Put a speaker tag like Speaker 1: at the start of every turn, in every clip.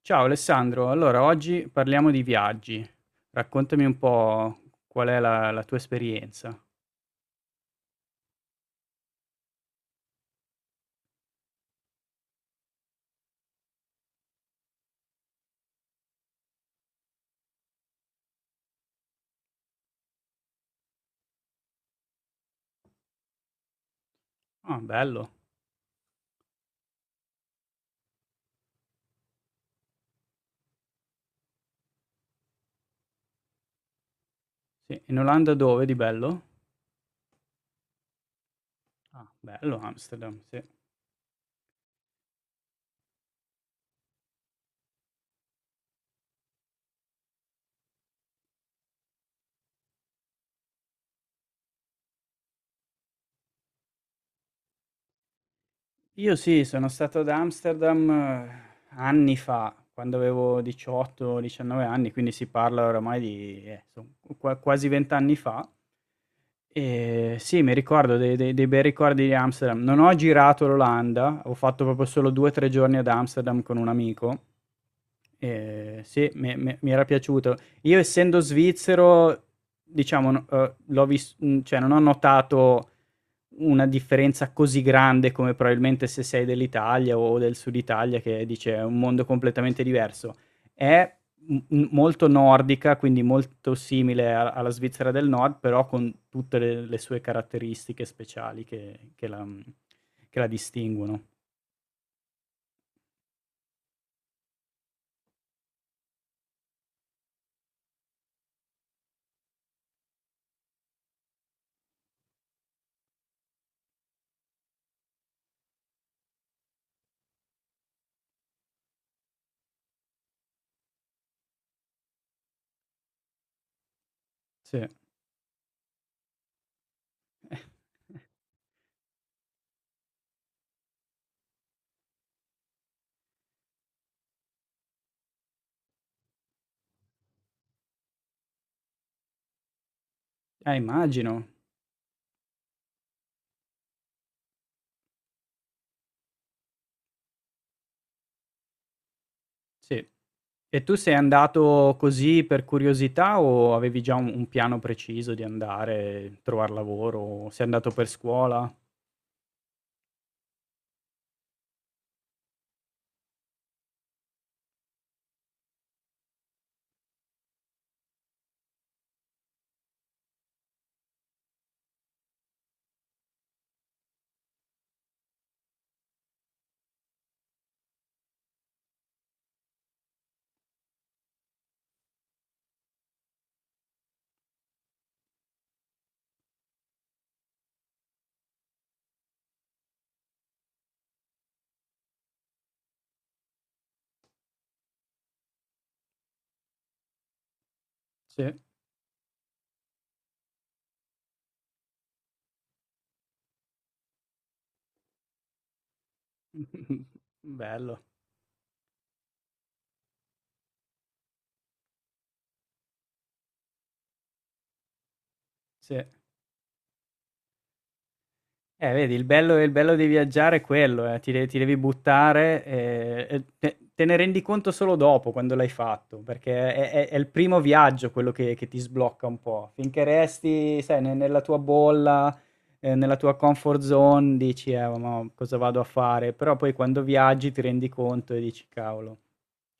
Speaker 1: Ciao Alessandro, allora oggi parliamo di viaggi. Raccontami un po' qual è la tua esperienza. Ah, bello. Sì, in Olanda dove di bello? Ah, bello Amsterdam, sì. Io sì, sono stato ad Amsterdam, anni fa, quando avevo 18, 19 anni, quindi si parla oramai di, son qua quasi 20 anni fa. Sì, mi ricordo, dei bei ricordi di Amsterdam. Non ho girato l'Olanda, ho fatto proprio solo 2, 3 giorni ad Amsterdam con un amico. Sì, mi era piaciuto. Io, essendo svizzero, diciamo, no, cioè non ho notato una differenza così grande come probabilmente se sei dell'Italia o del Sud Italia, che dice è un mondo completamente diverso. È molto nordica, quindi molto simile alla Svizzera del Nord, però con tutte le sue caratteristiche speciali che la distinguono. Sì. Eh, immagino. Sì. E tu sei andato così per curiosità o avevi già un piano preciso di andare, trovare lavoro? Sei andato per scuola? Sì. Mh-mh-mh. Bello, sì. Eh, vedi, il bello di viaggiare è quello, ti devi buttare, e te ne rendi conto solo dopo, quando l'hai fatto, perché è il primo viaggio quello che ti sblocca un po'. Finché resti, sai, ne nella tua bolla, nella tua comfort zone, dici: ma cosa vado a fare?" Però poi quando viaggi ti rendi conto e dici: "Cavolo."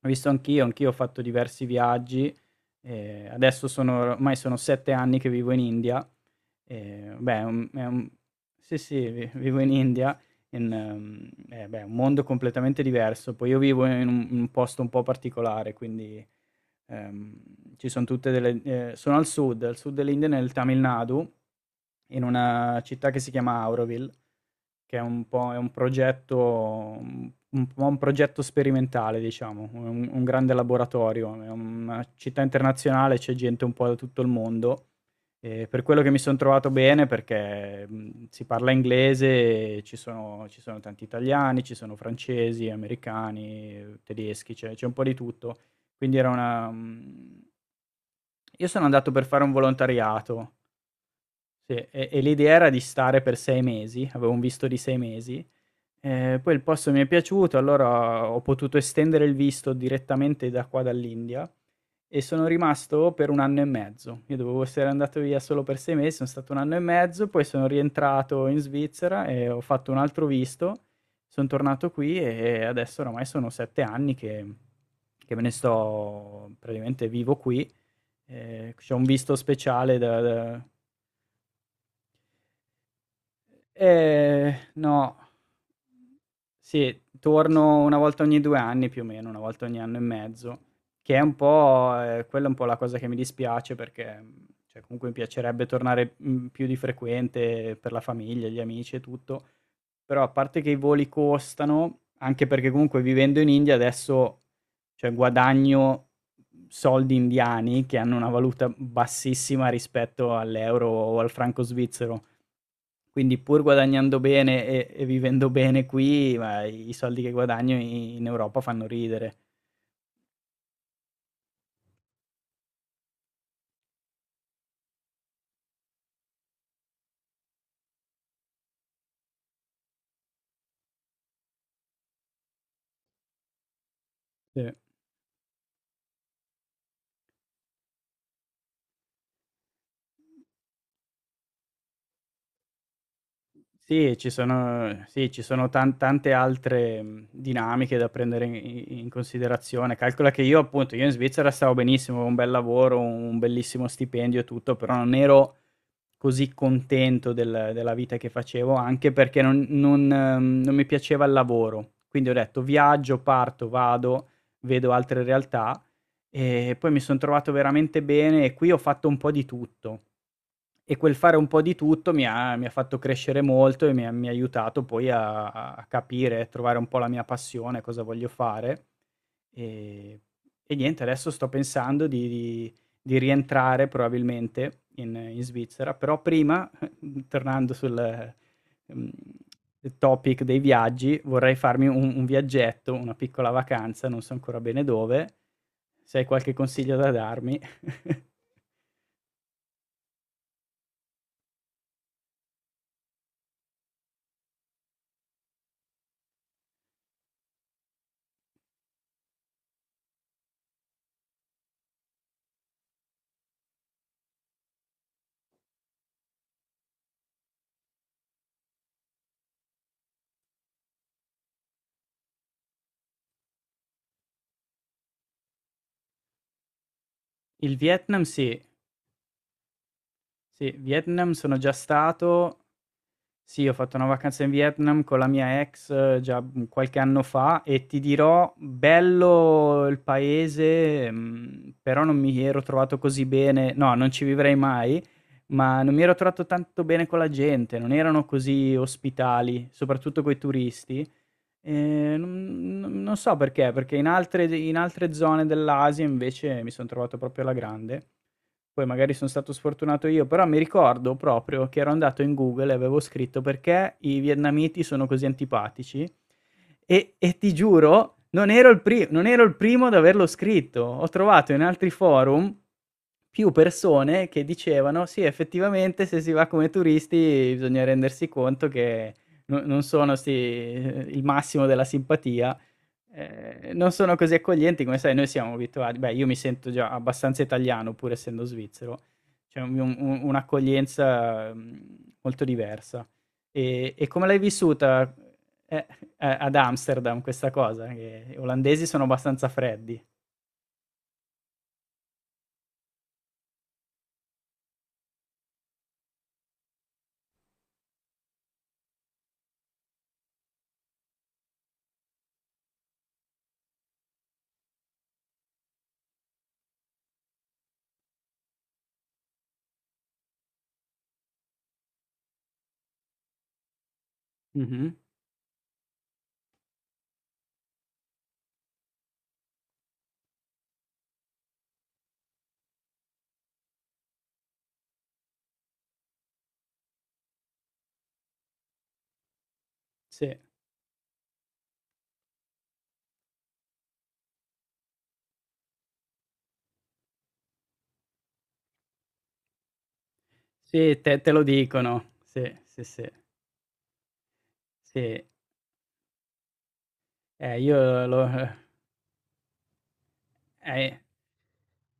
Speaker 1: Ho visto anch'io, ho fatto diversi viaggi. Adesso, sono ormai sono 7 anni che vivo in India. Beh, è un sì, sì, vi vivo in India. È un mondo completamente diverso. Poi io vivo in un posto un po' particolare, quindi Ehm, ci son tutte delle sono al sud dell'India, nel Tamil Nadu, in una città che si chiama Auroville, che è un po' è un progetto un po' un progetto sperimentale, diciamo, un grande laboratorio. È una città internazionale, c'è gente un po' da tutto il mondo, e per quello che mi son trovato bene, perché si parla inglese, e ci sono tanti italiani, ci sono francesi, americani, tedeschi, c'è un po' di tutto. Quindi era una mhmm, io sono andato per fare un volontariato. Sì, e l'idea era di stare per 6 mesi, avevo un visto di 6 mesi. Poi il posto mi è piaciuto, allora ho potuto estendere il visto direttamente da qua dall'India, e sono rimasto per 1 anno e mezzo. Io dovevo essere andato via solo per 6 mesi, sono stato 1 anno e mezzo, poi sono rientrato in Svizzera e ho fatto un altro visto, son tornato qui, e adesso oramai sono 7 anni che me ne sto praticamente, vivo qui. C'ho un visto speciale da. No. Sì, torno una volta ogni 2 anni più o meno, una volta ogni anno e mezzo, che è un po'... quella è un po' la cosa che mi dispiace, perché cioè comunque mi piacerebbe tornare più di frequente, per la famiglia, gli amici e tutto. Però, a parte che i voli costano, anche perché comunque, vivendo in India adesso, cioè guadagno soldi indiani, che hanno una valuta bassissima rispetto all'euro o al franco svizzero. Quindi, pur guadagnando bene e vivendo bene qui, ma i soldi che guadagno in Europa fanno ridere. Sì. Sì, ci sono, sì, ci sono tante altre dinamiche da prendere in considerazione. Calcola che io appunto io in Svizzera stavo benissimo, avevo un bel lavoro, un bellissimo stipendio e tutto, però non ero così contento della vita che facevo, anche perché non mi piaceva il lavoro. Quindi ho detto: "Viaggio, parto, vado, vedo altre realtà", e poi mi son trovato veramente bene, e qui ho fatto un po' di tutto. E quel fare un po' di tutto mi ha fatto crescere molto, e mi ha aiutato poi a capire e trovare un po' la mia passione, cosa voglio fare. Ehm, e niente, adesso sto pensando di di rientrare probabilmente in Svizzera, però prima, tornando sul mhmm, topic dei viaggi, vorrei farmi un viaggetto, una piccola vacanza, non so ancora bene dove. Se hai qualche consiglio da darmi. Il Vietnam, sì. Sì, Vietnam sono già stato. Sì, ho fatto una vacanza in Vietnam con la mia ex, già, qualche anno fa, e ti dirò, bello il paese, però non mi ero trovato così bene, no, non ci vivrei mai, ma non mi ero trovato tanto bene con la gente, non erano così ospitali, soprattutto coi turisti. Non so perché. Perché in altre zone dell'Asia invece mi son trovato proprio alla grande. Poi magari son stato sfortunato io, però mi ricordo proprio che ero andato in Google e avevo scritto: "Perché i vietnamiti sono così antipatici?" E ti giuro, non ero il primo ad averlo scritto. Ho trovato in altri forum più persone che dicevano: "Sì, effettivamente se si va come turisti bisogna rendersi conto che no, non sono, sì, il massimo della simpatia, non sono così accoglienti come, sai, noi siamo abituati." Beh, io mi sento già abbastanza italiano pur essendo svizzero, c'è un'accoglienza molto diversa. E come l'hai vissuta, eh, a ad Amsterdam, questa cosa? Che gli olandesi sono abbastanza freddi. Mh-mh. Sì, sì, te lo dicono. Sì, sì, sì, sì. Io lo eh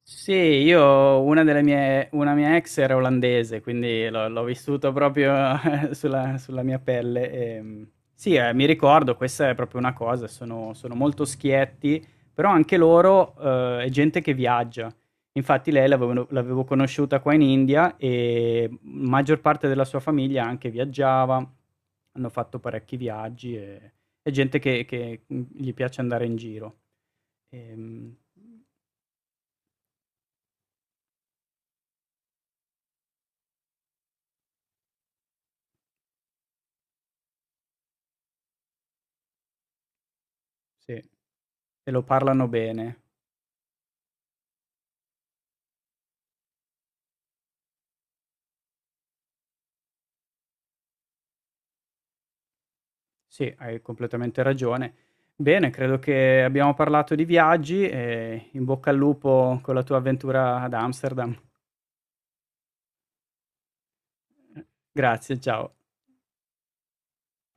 Speaker 1: Sì, io una delle mie una mia ex era olandese, quindi l'ho vissuto proprio sulla mia pelle. Sì, mi ricordo, questa è proprio una cosa, sono molto schietti, però anche loro, è gente che viaggia. Infatti lei l'avevo conosciuta qua in India, e maggior parte della sua famiglia anche viaggiava, hanno fatto parecchi viaggi, e è gente che gli piace andare in giro. Ehm Sì, te lo parlano bene. Sì, hai completamente ragione. Bene, credo che abbiamo parlato di viaggi, e in bocca al lupo con la tua avventura ad Amsterdam. Grazie, ciao.